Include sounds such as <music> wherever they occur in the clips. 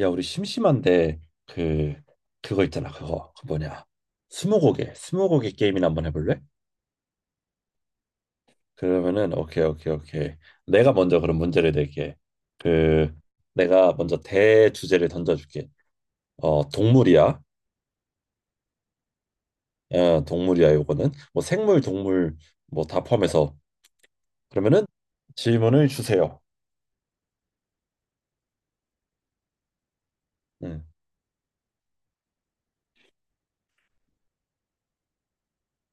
야, 우리 심심한데 그 그거 있잖아. 그거. 그 뭐냐? 스무고개. 스무고개 게임이나 한번 해볼래? 그러면은 오케이, 오케이, 오케이. 내가 먼저 그럼 문제를 낼게. 그 내가 먼저 대주제를 던져줄게. 어, 동물이야. 어, 동물이야. 요거는 뭐 생물, 동물 뭐 다 포함해서 그러면은 질문을 주세요. 응.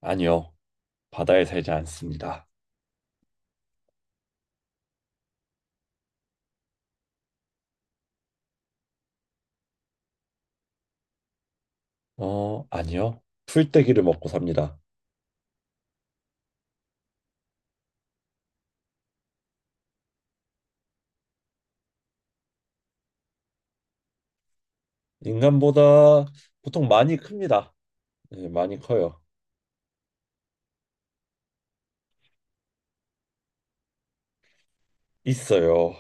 아니요. 바다에 살지 않습니다. 어, 아니요. 풀떼기를 먹고 삽니다. 인간보다 보통 많이 큽니다. 네, 많이 커요. 있어요.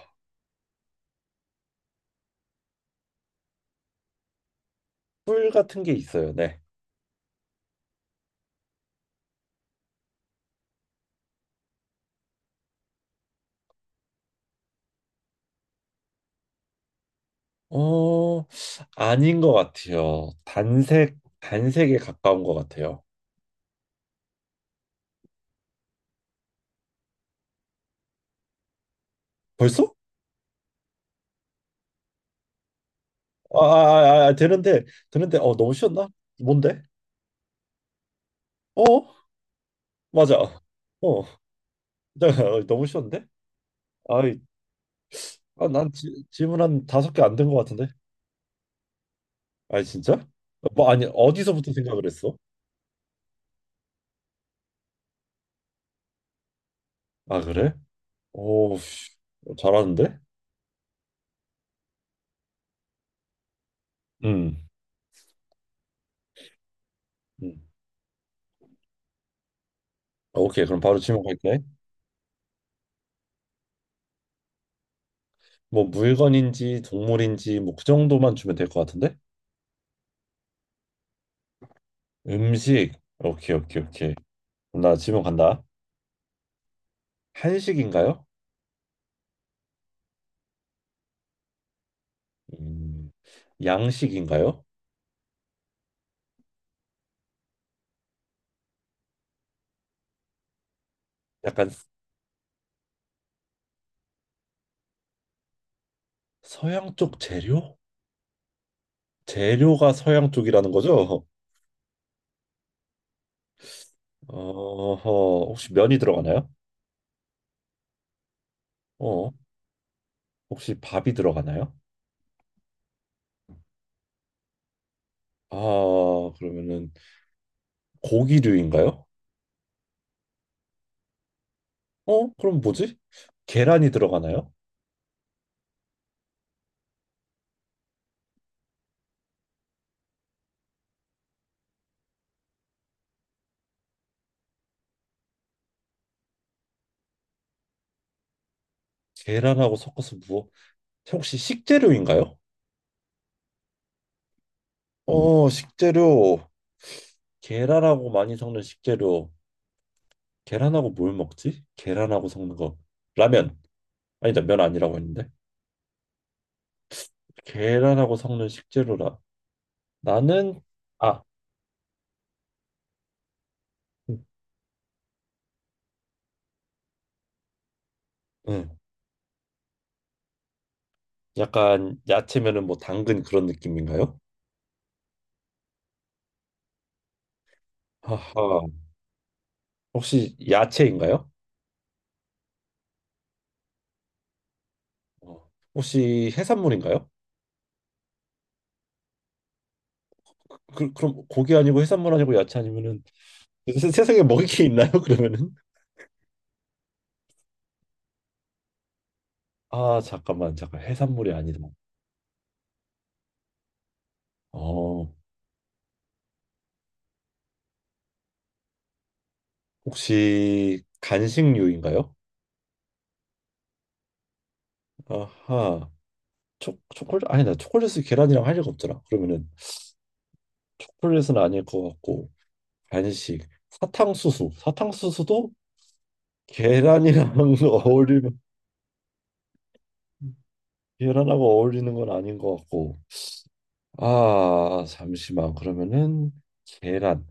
뿔 같은 게 있어요. 네. 어, 아닌 것 같아요. 단색, 단색에 가까운 것 같아요. 벌써? 아, 아, 아, 아, 아, 되는데, 되는데, 어, 너무 쉬웠나? 뭔데? 어, 맞아. 어, <laughs> 어, 너무 쉬웠는데? 아이, 아, 난 질문 한 다섯 개 안 된 것 같은데? 아니, 진짜? 어, 뭐, 아니, 어디서부터 생각을 했어? 아, 그래? 오, 씨, 잘하는데? 음, 음. 오케이, 그럼 바로 질문 갈게. 뭐 물건인지 동물인지 뭐 그 정도만 주면 될 것 같은데? 음식. 오케이, 오케이, 오케이. 그럼 나 질문 간다. 한식인가요? 음, 양식인가요? 약간 서양 쪽 재료? 재료가 서양 쪽이라는 거죠? <laughs> 어, 혹시 면이 들어가나요? 어, 혹시 밥이 들어가나요? 아, 그러면은 고기류인가요? 어, 그럼 뭐지? 계란이 들어가나요? 계란하고 섞어서 무엇? 혹시 식재료인가요? 어, 식재료. 계란하고 많이 섞는 식재료. 계란하고 뭘 먹지? 계란하고 섞는 거. 라면. 아니다, 면 아니라고 했는데. 계란하고 섞는 식재료라. 나는, 아, 응. 응. 약간 야채면은 뭐 당근 그런 느낌인가요? 하하. 혹시 야채인가요? 어. 혹시 해산물인가요? 그, 그럼 고기 아니고 해산물 아니고 야채 아니면은 세상에 먹을 게 있나요? <laughs> 그러면은? 아, 잠깐만, 잠깐. 해산물이 아니다. 어. 혹시 간식류인가요? 아하. 초, 초콜릿? 아니, 나 초콜릿을 계란이랑 할 리가 없잖아. 그러면은 초콜릿은 아닐 것 같고, 간식. 사탕수수. 사탕수수도 계란이랑 <laughs> 어울리면, 계란하고 어울리는 건 아닌 것 같고. 아, 잠시만. 그러면은 계란.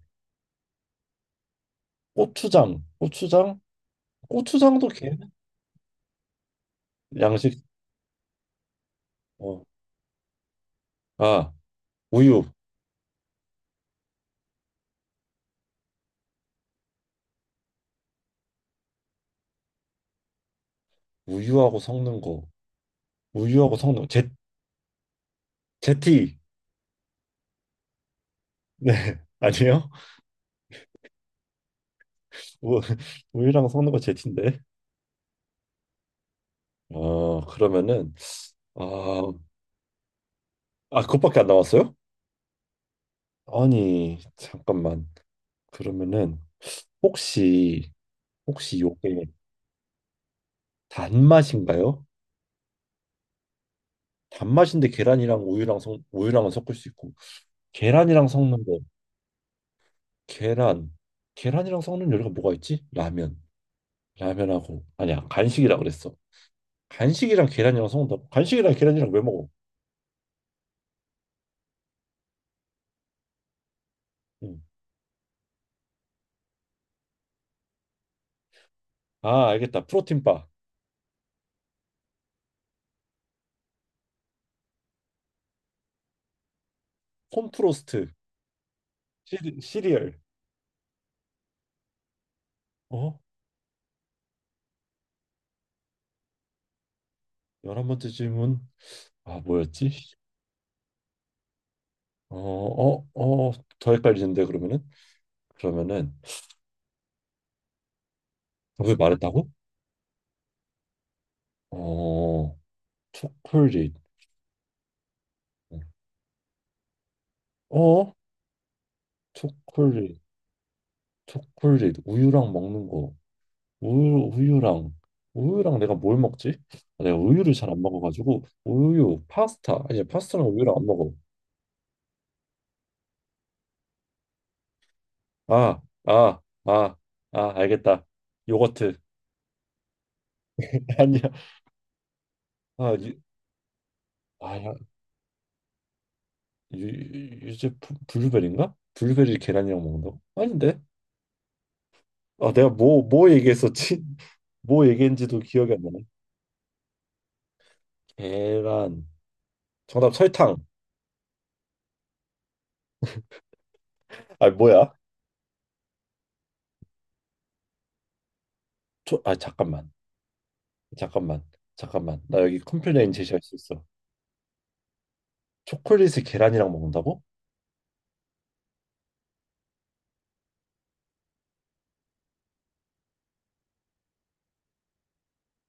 고추장. 고추장? 고추장도 계란? 양식. 어. 아, 우유. 우유하고 섞는 거. 우유하고 섞는 거. 제, 제티. 네. <laughs> 아니에요? 우- <laughs> 우유랑 섞는 거 제티인데. 어, 그러면은 아, 아 그것밖에 안 나왔어요? 아니, 잠깐만. 그러면은 혹시 혹시 요게 단맛인가요? 단맛인데 계란이랑 우유랑 섞 우유랑은 섞을 수 있고 계란이랑 섞는 거 계란 계란이랑 섞는 요리가 뭐가 있지? 라면 라면하고 아니야 간식이라 그랬어 간식이랑 계란이랑 섞는다고 간식이랑 계란이랑 왜 먹어? 응. 아 알겠다 프로틴바 콘프로스트 시리얼 어? 11번째 질문 아 뭐였지? 어, 어, 어, 더 헷갈리는데 그러면은 그러면은 정답 말했다고? 어, 초콜릿. 어, 초콜릿, 초콜릿, 우유랑 먹는 거. 우유, 우유랑 우유랑 내가 뭘 먹지? 아, 내가 우유를 잘 안 먹어가지고 우유, 파스타 아니 파스타랑 우유랑 안 먹어. 아, 아, 아, 아 알겠다. 요거트 <laughs> 아니야. 아, 유, 아, 야, 유, 블루베리인가? 블루베리 계란이랑 먹는다고? 아닌데? 아 내가 뭐 뭐 얘기했었지? <laughs> 뭐 얘기했는지도 기억이 안 나네. 계란. 정답 설탕. 아 뭐야? 초, 아 잠깐만. 잠깐만. 잠깐만. 나 여기 컴플레인 제시할 수 있어. 초콜릿을 계란이랑 먹는다고?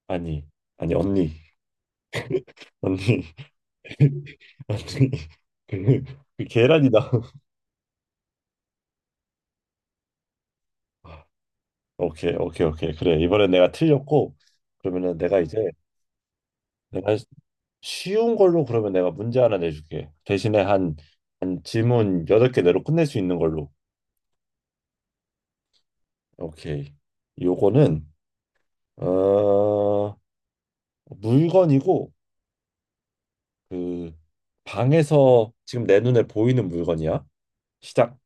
아니. 아니 언니. 언니. <laughs> 언니. 그, 그 계란이다. <laughs> 오케이 오케이 오케이 그래 이번엔 내가 틀렸고 그러면은 내가 이제 내가 쉬운 걸로 그러면 내가 문제 하나 내줄게. 대신에 한, 한 질문 8개 내로 끝낼 수 있는 걸로. 오케이. 요거는 어, 물건이고 그 방에서 지금 내 눈에 보이는 물건이야. 시작.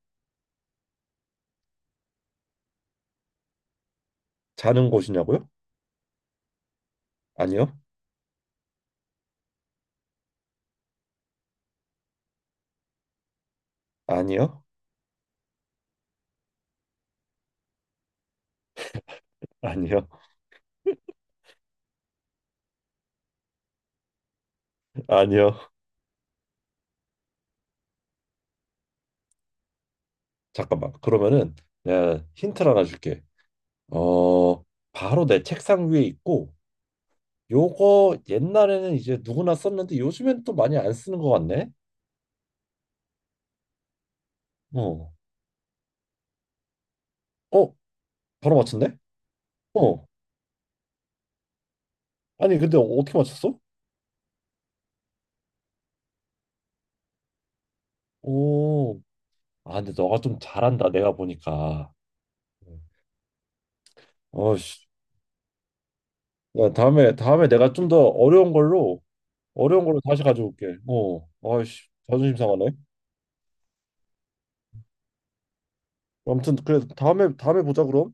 자는 곳이냐고요? 아니요. 아니요. 아니요. <laughs> 아니요. 잠깐만. 그러면은 내가 힌트를 하나 줄게. 어, 바로 내 책상 위에 있고 요거 옛날에는 이제 누구나 썼는데 요즘엔 또 많이 안 쓰는 것 같네. 어. 어, 바로 맞췄네? 어. 아니, 근데 어떻게 맞췄어? 오. 아, 근데 너가 좀 잘한다. 내가 보니까. 어씨. 야, 다음에 다음에 내가 좀 더 어려운 걸로 어려운 걸로 다시 가져올게. 어. 아이씨. 자존심 상하네. 아무튼 그래 다음에 다음에 보자 그럼.